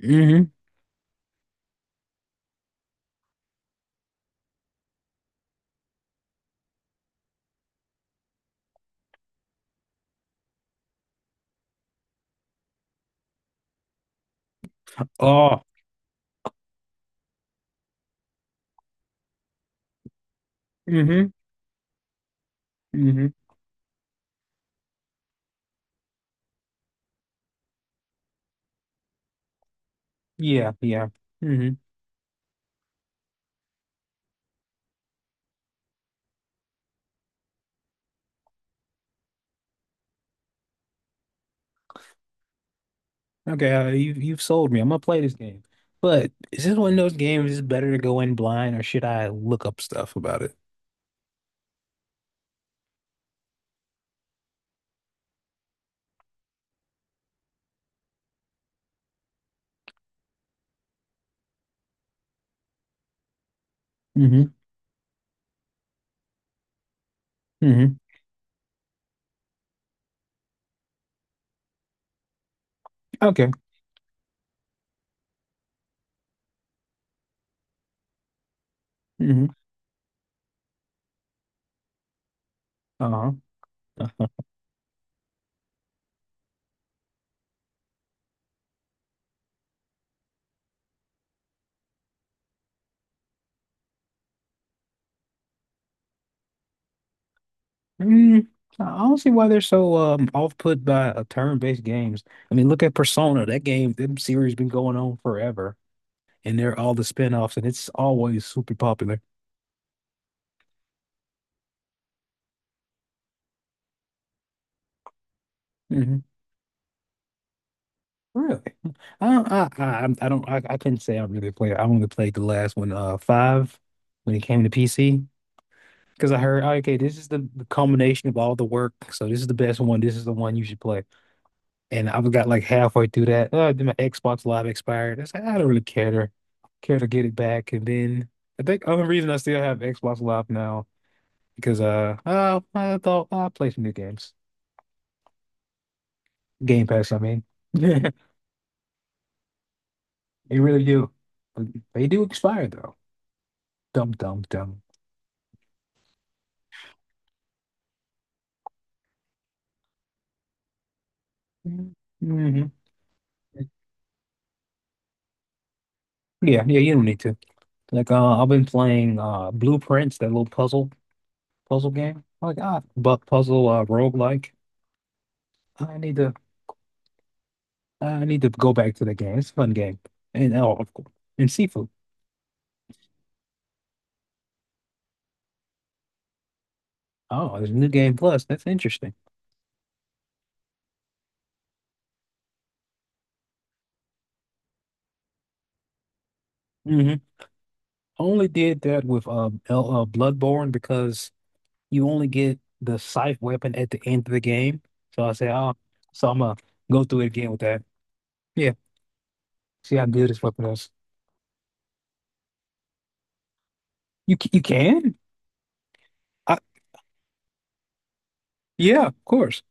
hmm Oh. hmm hmm Yeah, yeah. hmm Okay, you've sold me. I'm gonna play this game. But is this one of those games is better to go in blind or should I look up stuff about it? hmm hmm Okay. hmm Uh-huh. Uh, mm, I don't see why they're so off put by turn-based games. I mean, look at Persona. That game, that series been going on forever, and they're all the spin-offs, and it's always super popular. Mm-hmm. Really? I couldn't say I really played. I only played the last one, five, when it came to PC. Because I heard, okay, this is the culmination of all the work. So this is the best one. This is the one you should play. And I got like halfway through that. Then my Xbox Live expired. I said, I don't really care to get it back. And then I think the only reason I still have Xbox Live now because I thought, "Oh, I play some new games. Game Pass, I mean." They really do. They do expire though. Dum dum dum. Mm-hmm. Yeah, yeah, you don't need to. Like, I've been playing Blueprints, that little puzzle game. Like, but puzzle roguelike. I need to I need to go back to the game. It's a fun game. And oh, of course. And seafood. Oh, there's a new game plus. That's interesting. hmm Only did that with L Bloodborne because you only get the scythe weapon at the end of the game. So I say, oh, so I'm gonna go through it again with that. Yeah, see how good this weapon is. You can? I, yeah, of course.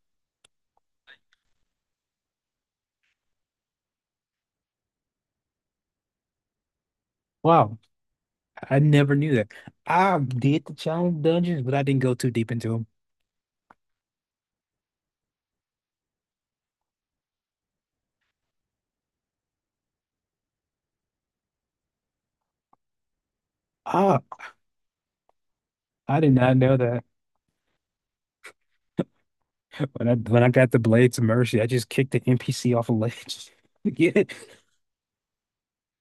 Wow, I never knew that. I did the challenge dungeons, but I didn't go too deep into them. Ah, I did not know that. When I got the Blades of Mercy, I just kicked the NPC off a ledge. To get it?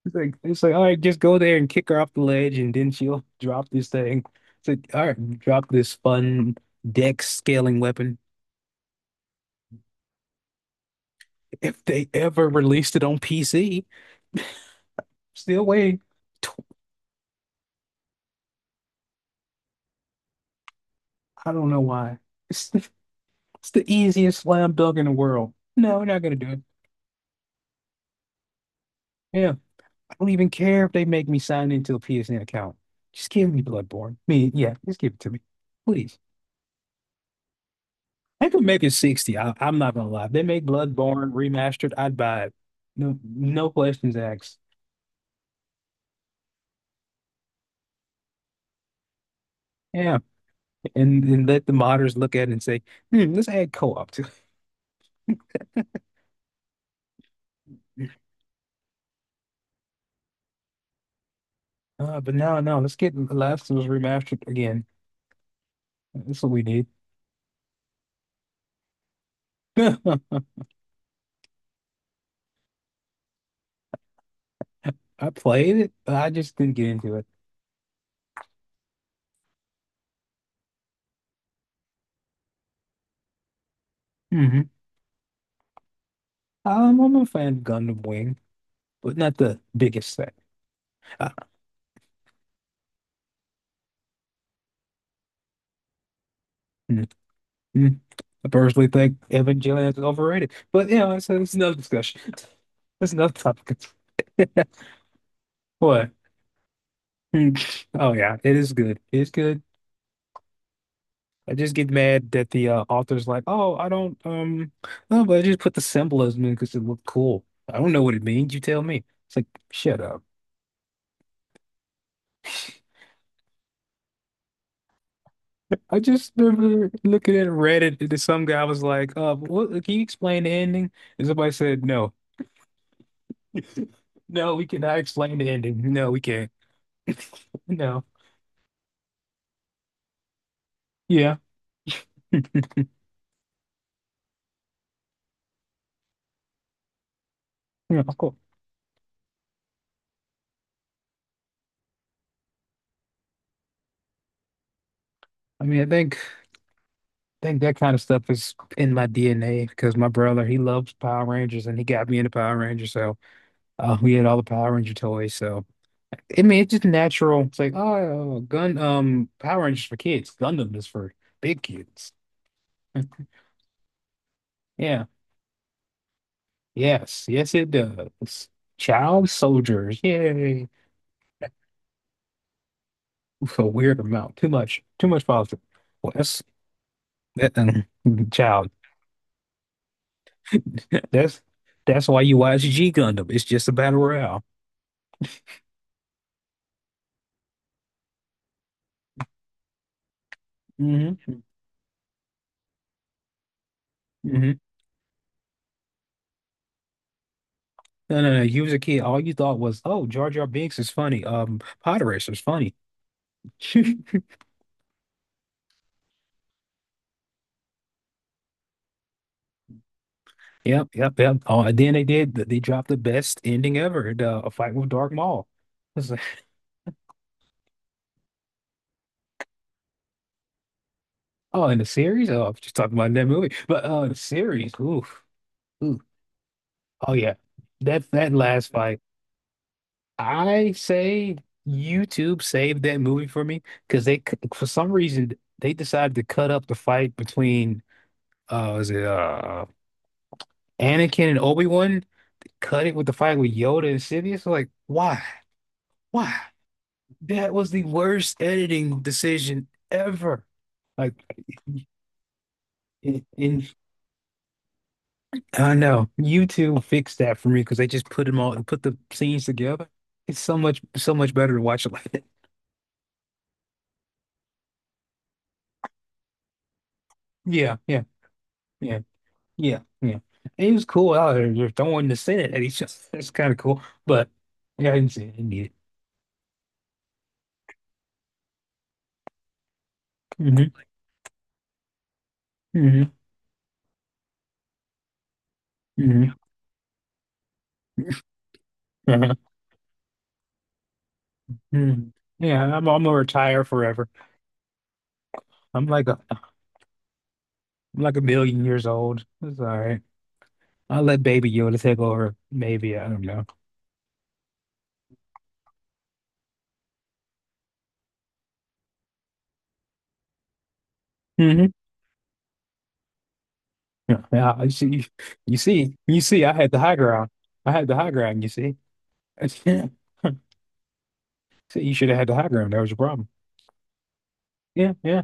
It's like, it's like, all right, just go there and kick her off the ledge, and then she'll drop this thing. It's like, all right, drop this fun deck scaling weapon. If they ever released it on PC, still waiting. Tw- I don't know why. It's the easiest slam dunk in the world. No, we're not gonna do it. Yeah, I don't even care if they make me sign into a PSN account. Just give me Bloodborne. Me, yeah, just give it to me, please. I could make it 60. I'm not gonna lie. If they make Bloodborne remastered, I'd buy it. No, no questions asked. Yeah, and let the modders look at it and say, hmm, let's add co-op to it. But no, no, let's get The Last of Us remastered again. That's what we need. I played it, but I just didn't get into it. Mhm. I'm a fan of Gundam Wing, but not the biggest fan. Uh, mm, mm. I personally think Evangelion is overrated, but you know, it's another discussion. That's another topic. What? Mm. Oh yeah, it is good. It's good. I just get mad that the author's like, oh, I don't, no, but I just put the symbolism in because it looked cool. I don't know what it means. You tell me. It's like, shut up. I just remember looking at Reddit and some guy was like, what, can you explain the ending? And somebody said, no, no, we cannot explain the ending. No, we can't. No. Yeah. Yeah, cool. I mean, I think I think that kind of stuff is in my DNA because my brother, he loves Power Rangers and he got me into Power Rangers. So we had all the Power Ranger toys. So I mean, it's just natural. It's like, oh, Power Rangers for kids. Gundam is for big kids. Yeah. Yes, yes, it does. Child soldiers, yay! Oof, a weird amount, too much positive. Well, that's that child. That's that's why you watch G Gundam. It's just a battle royale. hmm hmm No, no, no. You was a kid. All you thought was, oh, Jar Jar Binks is funny. Pod Racer is funny. Yep, yep, yep. Oh, and then they did. They dropped the best ending ever, the a fight with Dark Maul. It's like, oh, in the series. Oh, I'm just talking about that movie, but the series. Oof. Oof. Oh yeah, that that last fight, I say YouTube saved that movie for me because for some reason they decided to cut up the fight between was it Anakin and Obi-Wan, cut it with the fight with Yoda and Sidious. Like why? Why? That was the worst editing decision ever. Like in I know YouTube fixed that for me because they just put them all put the scenes together. It's so much better to watch it like that. Yeah, yeah, yeah, yeah. And he was cool out there. They're throwing the Senate at each other. That's kind of cool. But yeah, I didn't see it. I need it. Mm-hmm. Mm-hmm. Mm-hmm. hmm Yeah, I'm gonna retire forever. I'm like a I'm like a million years old. It's all right. I'll let Baby Yoda take over. Maybe I don't know. Mm-hmm. Yeah, yeah, I see. You see, you see, I had the high ground. I had the high ground. You see, see, you should have had the high ground. That was your problem. Yeah, yeah,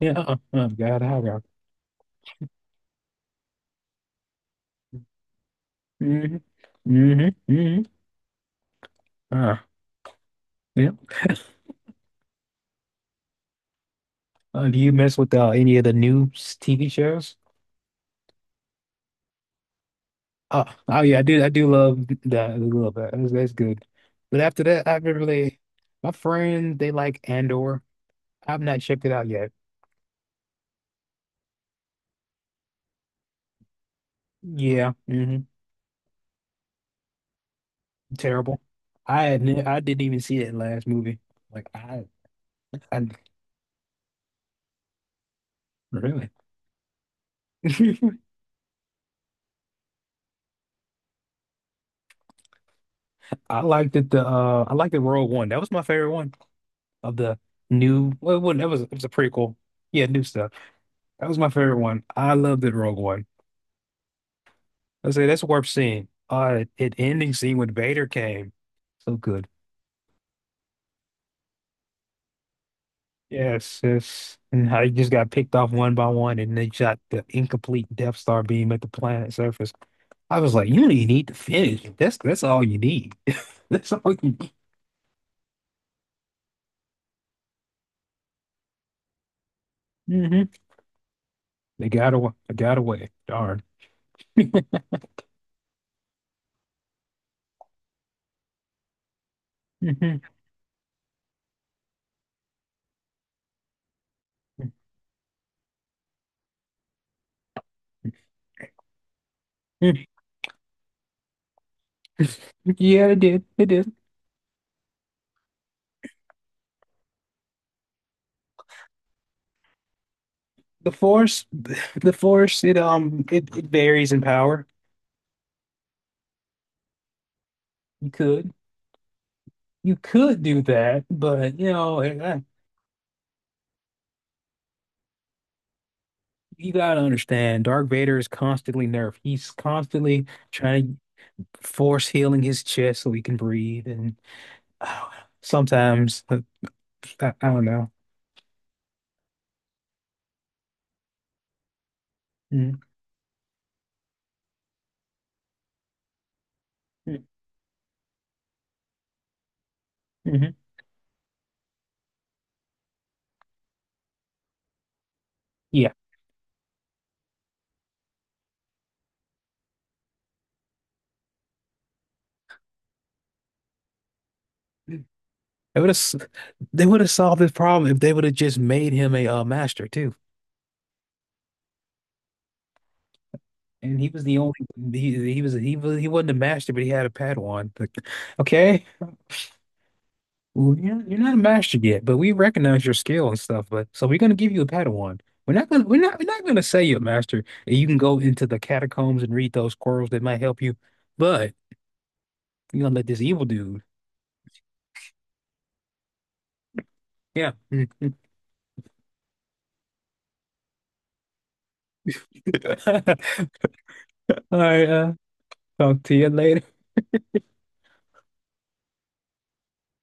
yeah. Uh-uh. Got the high ground. hmm hmm hmm Uh, yeah. Do you mess with any of the new TV shows? Oh, oh yeah, I do. I do love that a little bit. That's good. But after that, I haven't really. My friends, they like Andor. I've not checked it out yet. Yeah. Terrible. I didn't even see that last movie. Like I really. I liked it. The I liked the Rogue One. That was my favorite one of the new. Well, it wasn't- That was it was a prequel. Yeah, new stuff. That was my favorite one. I loved it, Rogue One. I say that's worth seeing. It ending scene when Vader came, so good. Yes, yes. And how he just got picked off one by one, and they shot the incomplete Death Star beam at the planet surface. I was like, you don't even need to finish. That's all you need. That's all you need. hmm They got away. They got away. Darn. Mhm. Yeah, it did. It did. The force, the force, it varies in power. You could. You could do that, but you know, you gotta understand, Dark Vader is constantly nerfed. He's constantly trying to force healing his chest so he can breathe, and uh, sometimes I don't know. Mm, mm, mhm. Yeah, they would have they would have solved this problem if they would have just made him a master too. And he was the only he wasn't a master, but he had a Padawan. Like, okay. Well, you're not a master yet, but we recognize your skill and stuff. But so we're gonna give you a Padawan. We're not gonna say you're a master and you can go into the catacombs and read those scrolls that might help you. But you're gonna let this evil dude. Yeah. All right. Talk to you later.